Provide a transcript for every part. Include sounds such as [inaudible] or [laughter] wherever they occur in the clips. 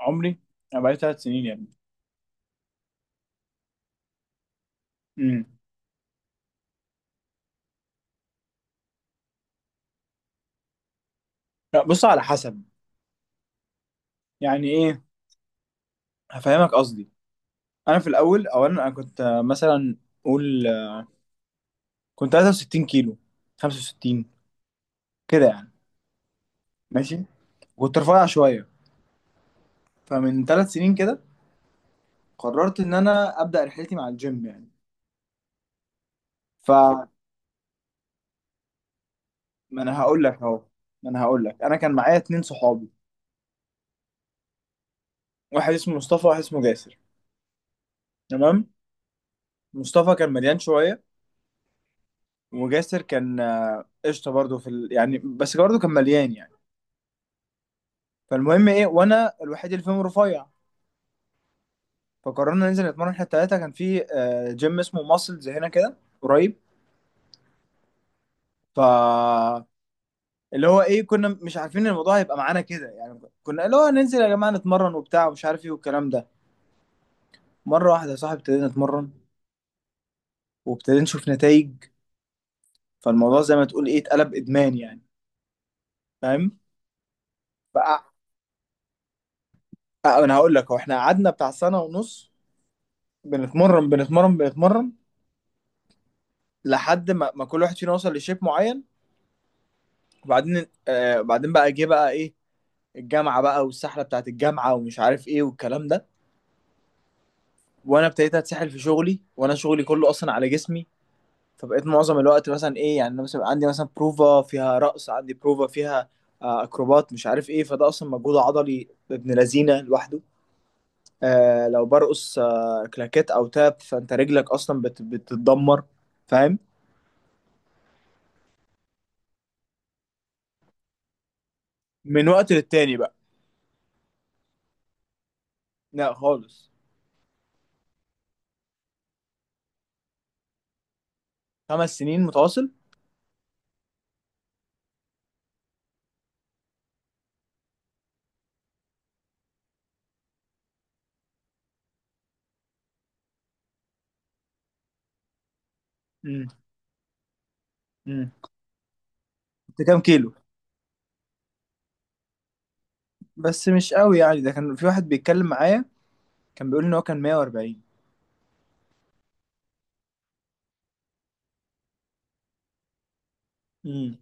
عمري. انا بقالي 3 سنين يعني. امم. لا، بص، على حسب. يعني ايه؟ هفهمك قصدي. انا في الاول، اولا، انا كنت مثلا، قول، كنت 63 كيلو. 65 كده يعني. ماشي. كنت رفيع شويه. فمن 3 سنين كده قررت ان انا ابدا رحلتي مع الجيم يعني. فما انا هقول لك اهو، ما انا هقول لك انا كان معايا 2 صحابي. واحد اسمه مصطفى وواحد اسمه جاسر. تمام. مصطفى كان مليان شويه. وجاسر كان قشطه برضه في يعني، بس برضه كان مليان يعني. فالمهم ايه؟ وانا الوحيد اللي فيهم رفيع. فقررنا ننزل نتمرن احنا التلاته. كان في جيم اسمه ماسلز هنا كده قريب. ف اللي هو ايه، كنا مش عارفين ان الموضوع هيبقى معانا كده يعني. كنا اللي هو ننزل يا جماعه نتمرن وبتاع ومش عارف ايه والكلام ده. مره واحده يا صاحبي ابتدينا نتمرن. وابتدينا نشوف نتائج. فالموضوع زي ما تقول ايه اتقلب ادمان يعني. فاهم. فأ- انا هقول لك، هو احنا قعدنا بتاع سنه ونص بنتمرن بنتمرن بنتمرن لحد ما كل واحد فينا وصل لشيب معين. وبعدين آه بعدين بقى جه بقى ايه. الجامعه بقى والسحله بتاعت الجامعه ومش عارف ايه والكلام ده. وانا ابتديت اتسحل في شغلي، وانا شغلي كله اصلا على جسمي. فبقيت معظم الوقت مثلا ايه يعني. أنا مثلا عندي مثلا بروفا فيها رقص، عندي بروفا فيها اكروبات مش عارف ايه. فده اصلا مجهود عضلي ابن لذينه لوحده. لو برقص كلاكيت او تاب فانت رجلك اصلا بتتدمر. فاهم. من وقت للتاني بقى. لا، خالص. 5 سنين متواصل. امم. امم. كنت كام كيلو؟ بس مش قوي يعني. ده كان في واحد بيتكلم معايا كان بيقول ان هو كان 140. امم.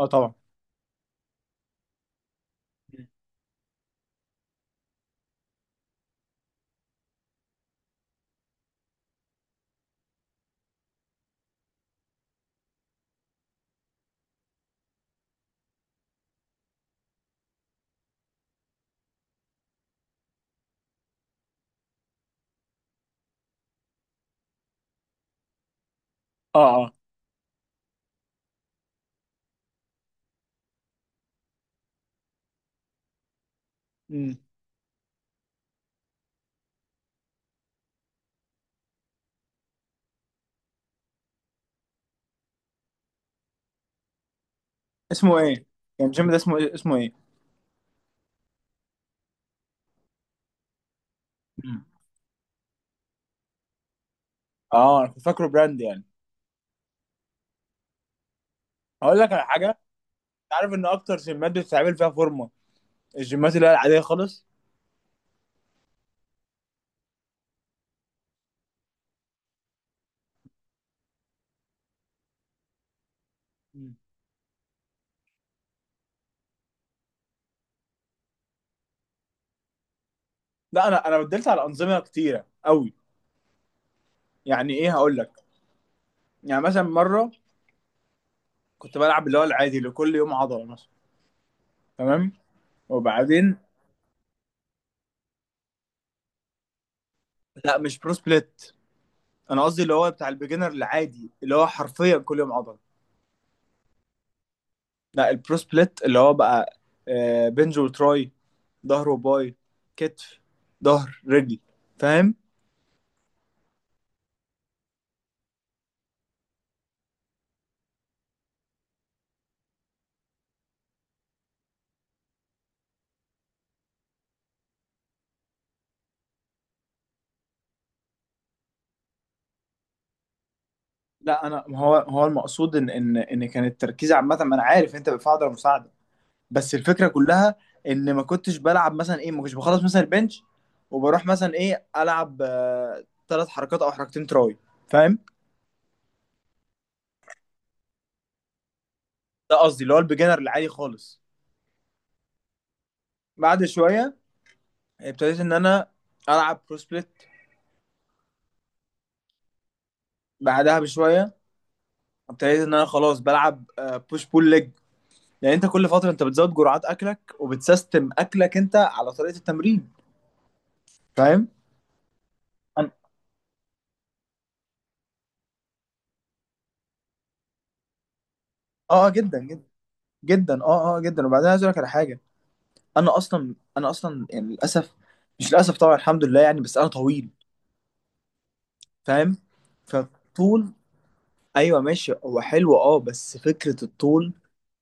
اه، طبعا. مم. اه اه. امم. اسمه ايه؟ يعني الجيم ده اسمه ايه؟ مم. اه، انا كنت فاكره براند يعني. هقول لك على حاجه. انت عارف ان اكتر جيمات بتتعمل فيها فورمه الجيمات اللي هي العاديه خالص. مم. لا، انا بدلت على انظمه كتيره قوي. يعني ايه، هقول لك. يعني مثلا مره كنت بلعب اللي هو العادي اللي كل يوم عضله مثلا. تمام. وبعدين. لا، مش برو سبليت. انا قصدي اللي هو بتاع البيجنر العادي اللي هو حرفيا كل يوم عضله. لا، البرو سبليت اللي هو بقى بنج وتراي، ظهر وباي، كتف، ظهر، رجل. فاهم. لا، انا هو المقصود ان كان التركيز عامه. ما انا عارف انت بتدفع عضله مساعده. بس الفكره كلها ان ما كنتش بلعب مثلا ايه، ما كنتش بخلص مثلا البنش وبروح مثلا ايه العب 3 حركات او حركتين تراي. فاهم. ده قصدي اللي هو البيجنر العادي خالص. بعد شويه ابتديت ان انا العب برو سبليت. بعدها بشويه ابتديت ان انا خلاص بلعب بوش بول ليج. لان انت كل فتره انت بتزود جرعات اكلك وبتسيستم اكلك انت على طريقه التمرين. فاهم. أنا... اه، جدا جدا جدا، اه اه، جدا. وبعدين عايز اقول لك على حاجه. انا اصلا يعني للاسف. مش للاسف، طبعا الحمد لله يعني، بس انا طويل. فاهم. فطول. ايوه، ماشي، هو حلو اه. بس فكره الطول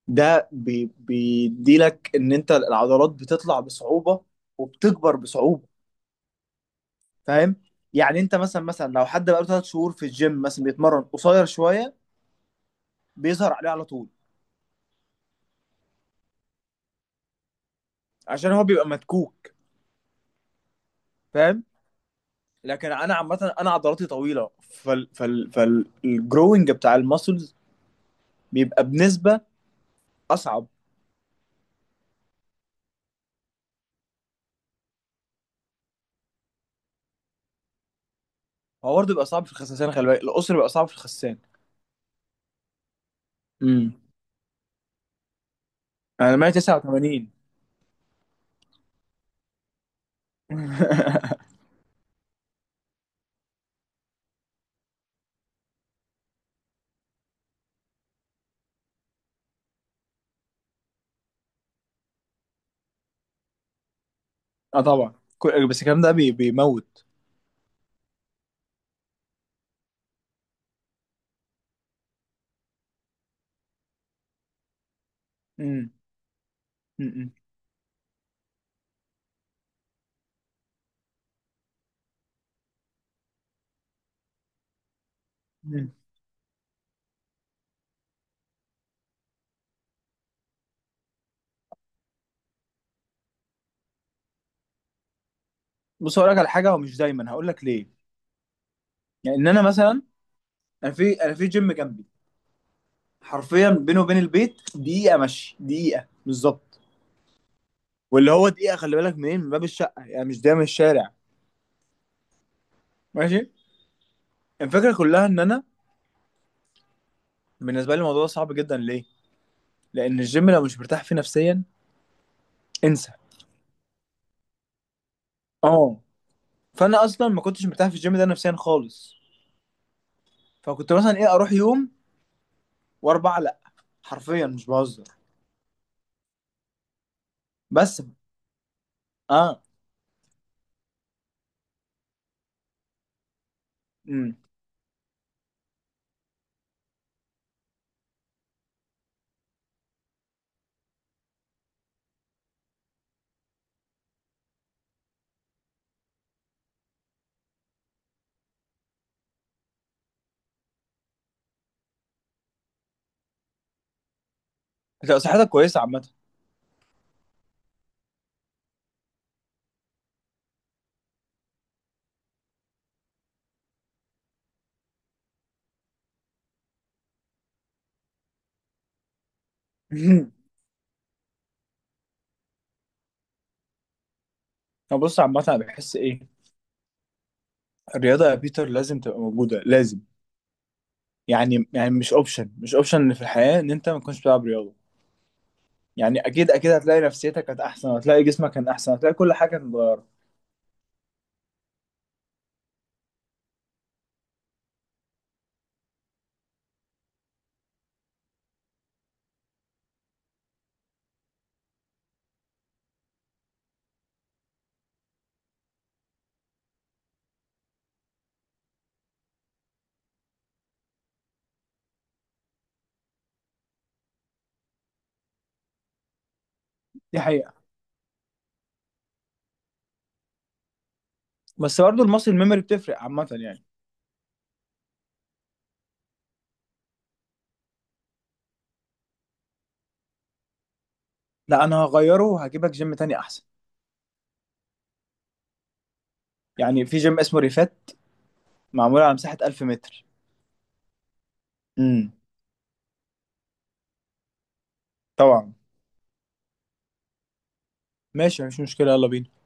ده بيديلك ان انت العضلات بتطلع بصعوبه وبتكبر بصعوبه. فاهم. يعني انت مثلا لو حد بقاله 3 شهور في الجيم مثلا بيتمرن قصير شويه بيظهر عليه على طول. عشان هو بيبقى مدكوك. فاهم. لكن انا عامه، انا عضلاتي طويله فالجروينج بتاع المسلز بيبقى بنسبه اصعب. هو برضه بيبقى صعب في الخسسان، خلي بالك القصر بيبقى صعب في الخسسان. امم. انا 189. [laughs] اه، طبعا. بس الكلام ده بيموت. امم. امم. امم. بص، هقول لك على حاجه. هو مش دايما، هقول لك ليه. يعني ان انا مثلا، انا في جيم جنبي حرفيا، بينه وبين البيت دقيقه مشي، دقيقه بالظبط. واللي هو دقيقه، خلي بالك منين، من باب الشقه يعني، مش ده من الشارع. ماشي. الفكره كلها ان انا بالنسبه لي الموضوع ده صعب جدا. ليه؟ لان الجيم لو مش مرتاح فيه نفسيا انسى. اه. فانا اصلا ما كنتش مرتاح في الجيم ده نفسيا خالص. فكنت مثلا ايه اروح يوم واربعه لا، حرفيا مش بهزر. بس اه. امم. لو صحتك كويسه عامه. [laughs] طب بص، عامه انا بحس ايه. الرياضه يا بيتر لازم تبقى موجوده، لازم. يعني مش اوبشن، مش اوبشن في الحياه ان انت ما تكونش بتلعب رياضه. يعني اكيد اكيد هتلاقي نفسيتك كانت احسن، هتلاقي جسمك كان احسن، هتلاقي كل حاجه كانت اتغيرت. دي حقيقه. بس برضه الماسل ميموري بتفرق عامه يعني. لا، انا هغيره وهجيبك جيم تاني احسن. يعني في جيم اسمه ريفات معمول على مساحه 1000 متر. امم. طبعا. ماشي مفيش مشكله، يلا بينا.